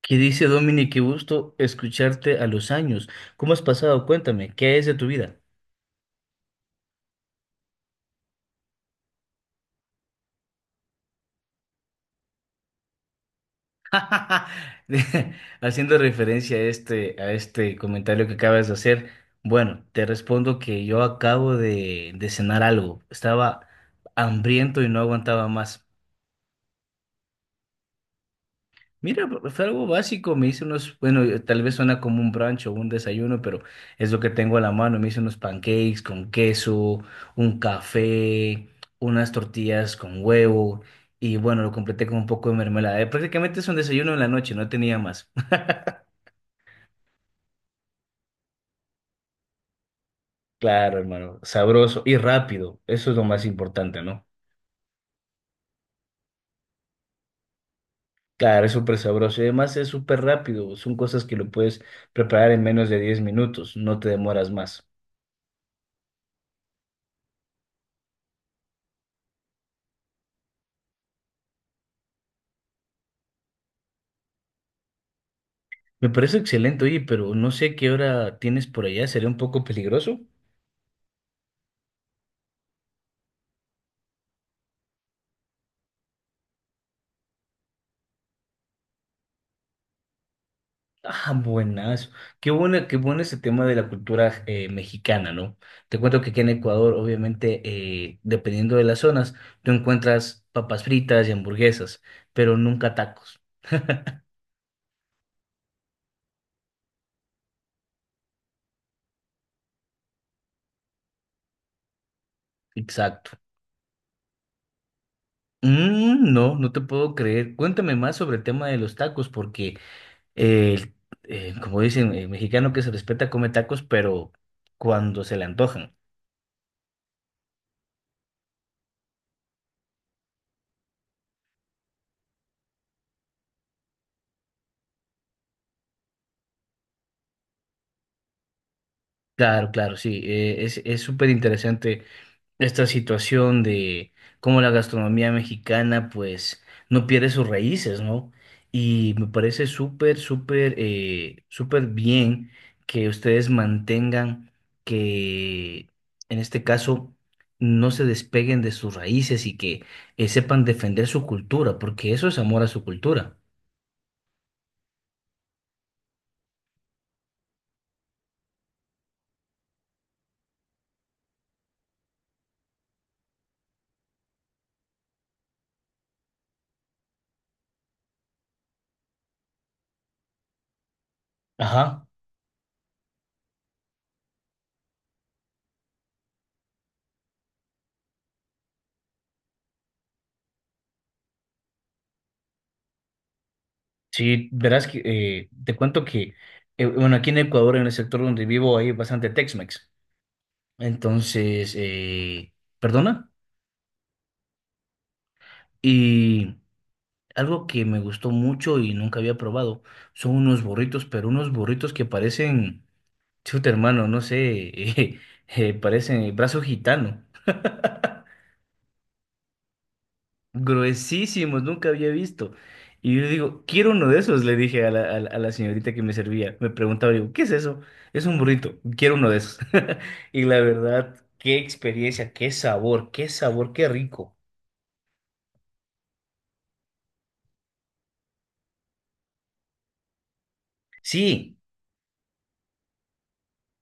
¿Qué dice Dominic? Qué gusto escucharte a los años. ¿Cómo has pasado? Cuéntame, ¿qué es de tu vida? De- Haciendo referencia a este comentario que acabas de hacer, bueno, te respondo que yo acabo de cenar algo. Estaba hambriento y no aguantaba más. Mira, fue algo básico, me hice unos, bueno, tal vez suena como un brunch o un desayuno, pero es lo que tengo a la mano. Me hice unos pancakes con queso, un café, unas tortillas con huevo y bueno, lo completé con un poco de mermelada. Prácticamente es un desayuno en la noche, no tenía más. Claro, hermano, sabroso y rápido, eso es lo más importante, ¿no? Claro, es súper sabroso y además es súper rápido, son cosas que lo puedes preparar en menos de 10 minutos, no te demoras más. Me parece excelente, oye, pero no sé qué hora tienes por allá, ¿sería un poco peligroso? Ah, buenazo. Qué bueno ese tema de la cultura mexicana, ¿no? Te cuento que aquí en Ecuador, obviamente, dependiendo de las zonas, tú encuentras papas fritas y hamburguesas, pero nunca tacos. Exacto. Mm, no, no te puedo creer. Cuéntame más sobre el tema de los tacos, porque, eh, como dicen, el mexicano que se respeta come tacos, pero cuando se le antojan. Claro, claro, sí, es súper interesante esta situación de cómo la gastronomía mexicana pues no pierde sus raíces, ¿no? Y me parece súper, súper bien que ustedes mantengan que en este caso no se despeguen de sus raíces y que sepan defender su cultura, porque eso es amor a su cultura. Ajá. Sí, verás que te cuento bueno, aquí en Ecuador, en el sector donde vivo, hay bastante Tex-Mex. Entonces, perdona. Y algo que me gustó mucho y nunca había probado son unos burritos, pero unos burritos que parecen, chuta hermano, no sé, eh, parecen brazo gitano. Gruesísimos, nunca había visto. Y yo digo, quiero uno de esos, le dije a la señorita que me servía. Me preguntaba, digo, ¿qué es eso? Es un burrito, quiero uno de esos. Y la verdad, qué experiencia, qué sabor, qué sabor, qué rico. Sí,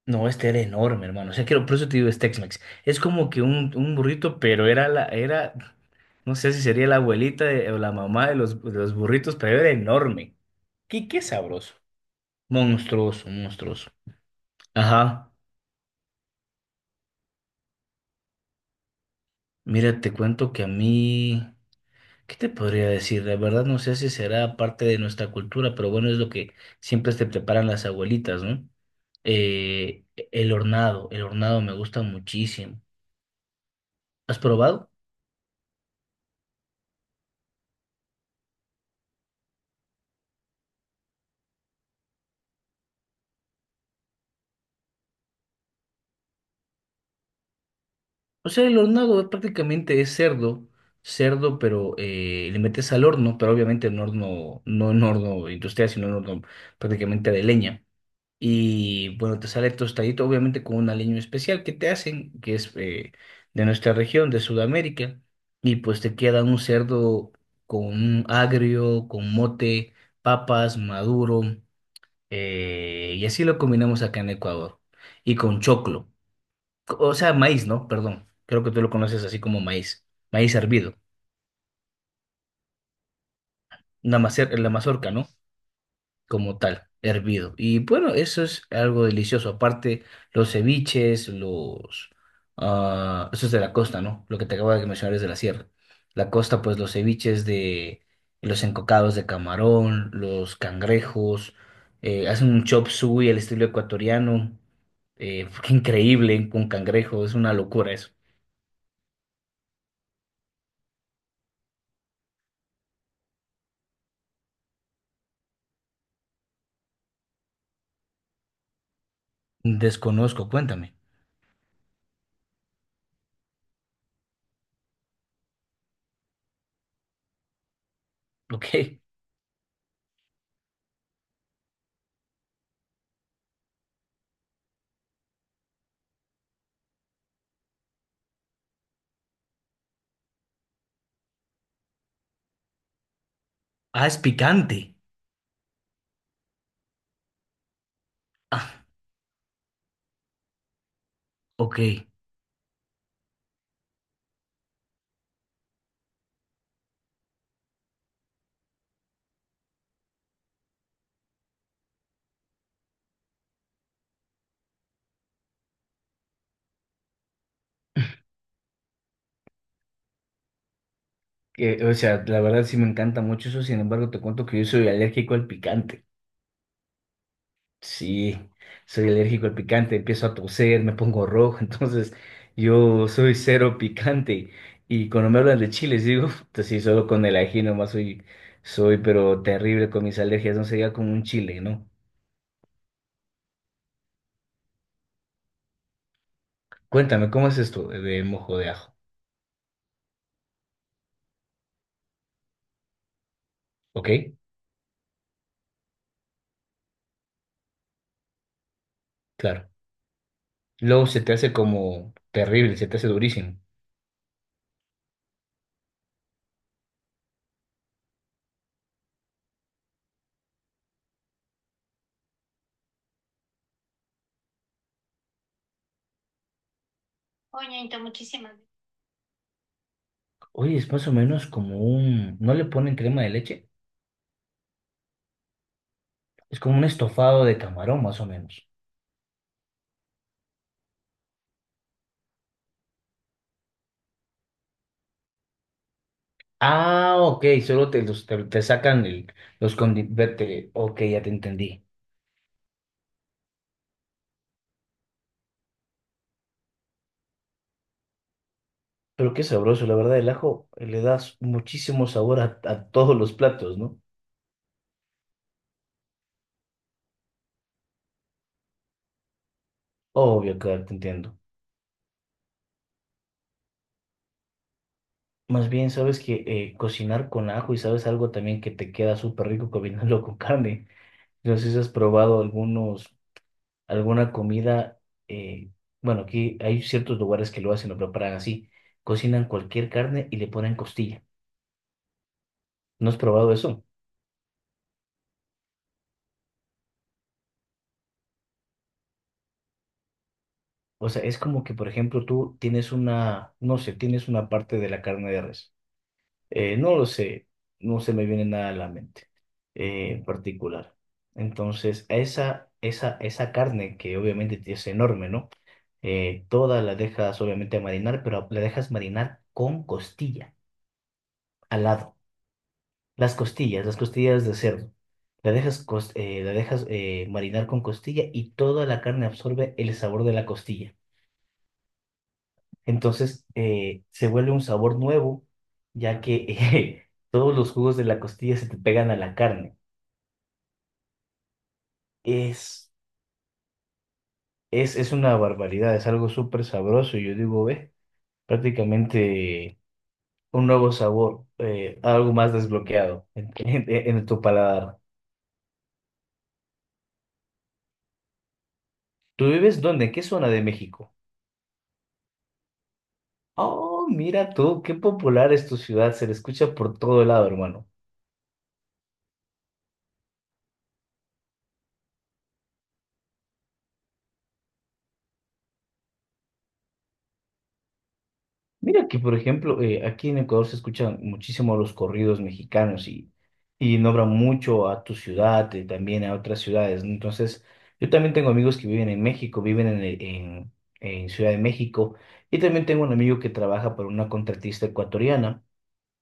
no, este era enorme, hermano. O sea, quiero, por eso te digo, es Tex-Mex. Es como que un burrito, pero era era, no sé si sería la abuelita o la mamá de de los burritos, pero era enorme. Qué, qué sabroso. Monstruoso, monstruoso. Ajá. Mira, te cuento que a mí, ¿qué te podría decir? La verdad no sé si será parte de nuestra cultura, pero bueno, es lo que siempre te preparan las abuelitas, ¿no? Eh, el hornado me gusta muchísimo. ¿Has probado? O sea, el hornado es prácticamente es cerdo, cerdo, pero le metes al horno, pero obviamente en horno, no en horno industrial, sino en horno prácticamente de leña. Y bueno, te sale tostadito, obviamente con un aliño especial que te hacen, que es de nuestra región, de Sudamérica. Y pues te queda un cerdo con un agrio, con mote, papas, maduro. Y así lo combinamos acá en Ecuador. Y con choclo. O sea, maíz, ¿no? Perdón. Creo que tú lo conoces así como maíz. Maíz hervido. La mazorca, ¿no? Como tal, hervido. Y bueno, eso es algo delicioso. Aparte, los ceviches, los... ah, eso es de la costa, ¿no? Lo que te acabo de mencionar es de la sierra. La costa, pues los ceviches de... Los encocados de camarón, los cangrejos, hacen un chop suey al estilo ecuatoriano. Qué increíble con cangrejo, es una locura eso. Desconozco, cuéntame. Ok. Ah, es picante. Ah, ok. Que, o sea, la verdad sí me encanta mucho eso, sin embargo te cuento que yo soy alérgico al picante. Sí, soy alérgico al picante, empiezo a toser, me pongo rojo, entonces yo soy cero picante. Y cuando me hablan de chiles, digo, pues sí, solo con el ají nomás soy, soy pero terrible con mis alergias, no sería como un chile, ¿no? Cuéntame, ¿cómo es esto de mojo de ajo? ¿Ok? Claro. Luego se te hace como terrible, se te hace durísimo. Oye, es más o menos como un... ¿No le ponen crema de leche? Es como un estofado de camarón, más o menos. Ah, ok, solo te, los- te sacan los condimentos. Ok, ya te entendí. Pero qué sabroso, la verdad, el ajo le das muchísimo sabor a todos los platos, ¿no? Obvio, claro, te entiendo. Más bien, sabes que cocinar con ajo y sabes algo también que te queda súper rico combinarlo con carne. No sé si has probado algunos, alguna comida. eh, bueno, aquí hay ciertos lugares que lo hacen, lo preparan así. Cocinan cualquier carne y le ponen costilla. ¿No has probado eso? O sea, es como que, por ejemplo, tú tienes una, no sé, tienes una parte de la carne de res. No lo sé, no se me viene nada a la mente en particular. Entonces, esa carne que obviamente es enorme, ¿no? Toda la dejas obviamente marinar, pero la dejas marinar con costilla al lado. Las costillas de cerdo. La dejas, la dejas marinar con costilla y toda la carne absorbe el sabor de la costilla. Entonces se vuelve un sabor nuevo, ya que todos los jugos de la costilla se te pegan a la carne. Es, es una barbaridad, es algo súper sabroso. Yo digo, ve, prácticamente un nuevo sabor, algo más desbloqueado en, en tu paladar. ¿Tú vives dónde? ¿En qué zona de México? Oh, mira tú, qué popular es tu ciudad, se le escucha por todo lado, hermano. Mira que, por ejemplo, aquí en Ecuador se escuchan muchísimo los corridos mexicanos y nombran mucho a tu ciudad y también a otras ciudades, ¿no? Entonces, yo también tengo amigos que viven en México, viven en Ciudad de México y también tengo un amigo que trabaja para una contratista ecuatoriana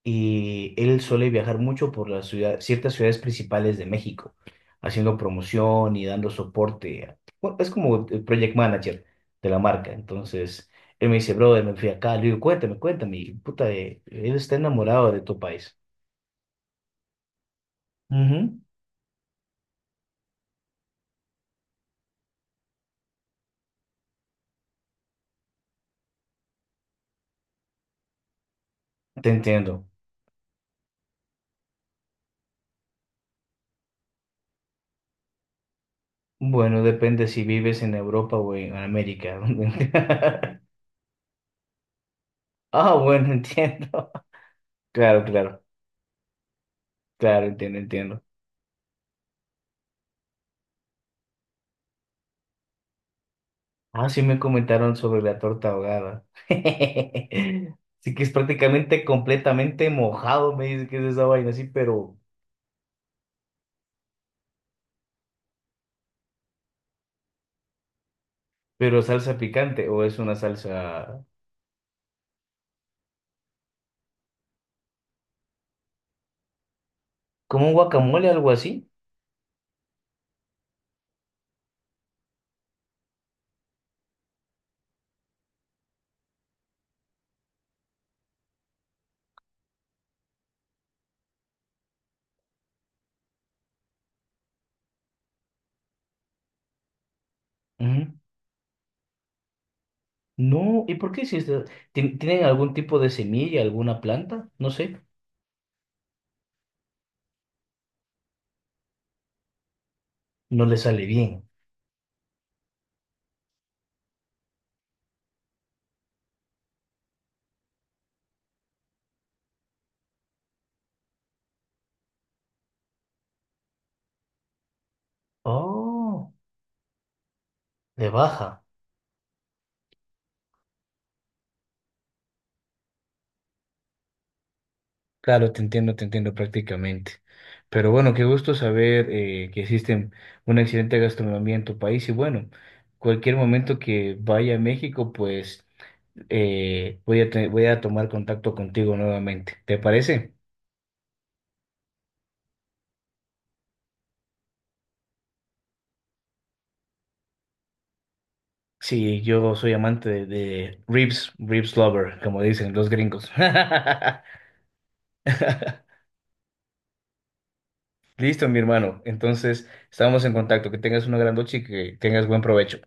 y él suele viajar mucho por las ciudades, ciertas ciudades principales de México, haciendo promoción y dando soporte. Bueno, es como el project manager de la marca. Entonces, él me dice, brother, me fui acá. Le digo, cuéntame, cuéntame. Y, puta, él está enamorado de tu país. Ujú. Te entiendo. Bueno, depende si vives en Europa o en América. Ah, bueno, entiendo. Claro, claro, claro, entiendo, entiendo. Ah, sí me comentaron sobre la torta ahogada. Así que es prácticamente completamente mojado, me dice que es esa vaina así, pero salsa picante o es una salsa como un guacamole, algo así. Ujú. No, ¿y por qué hiciste? Tienen algún tipo de semilla, alguna planta? No sé, no le sale bien. Oh, le baja. Claro, te entiendo prácticamente. Pero bueno, qué gusto saber que existe una excelente gastronomía en tu país y bueno, cualquier momento que vaya a México, pues voy voy a tomar contacto contigo nuevamente. ¿Te parece? Sí, yo soy amante de ribs, ribs lover, como dicen los gringos. Listo, mi hermano. Entonces, estamos en contacto. Que tengas una gran noche y que tengas buen provecho.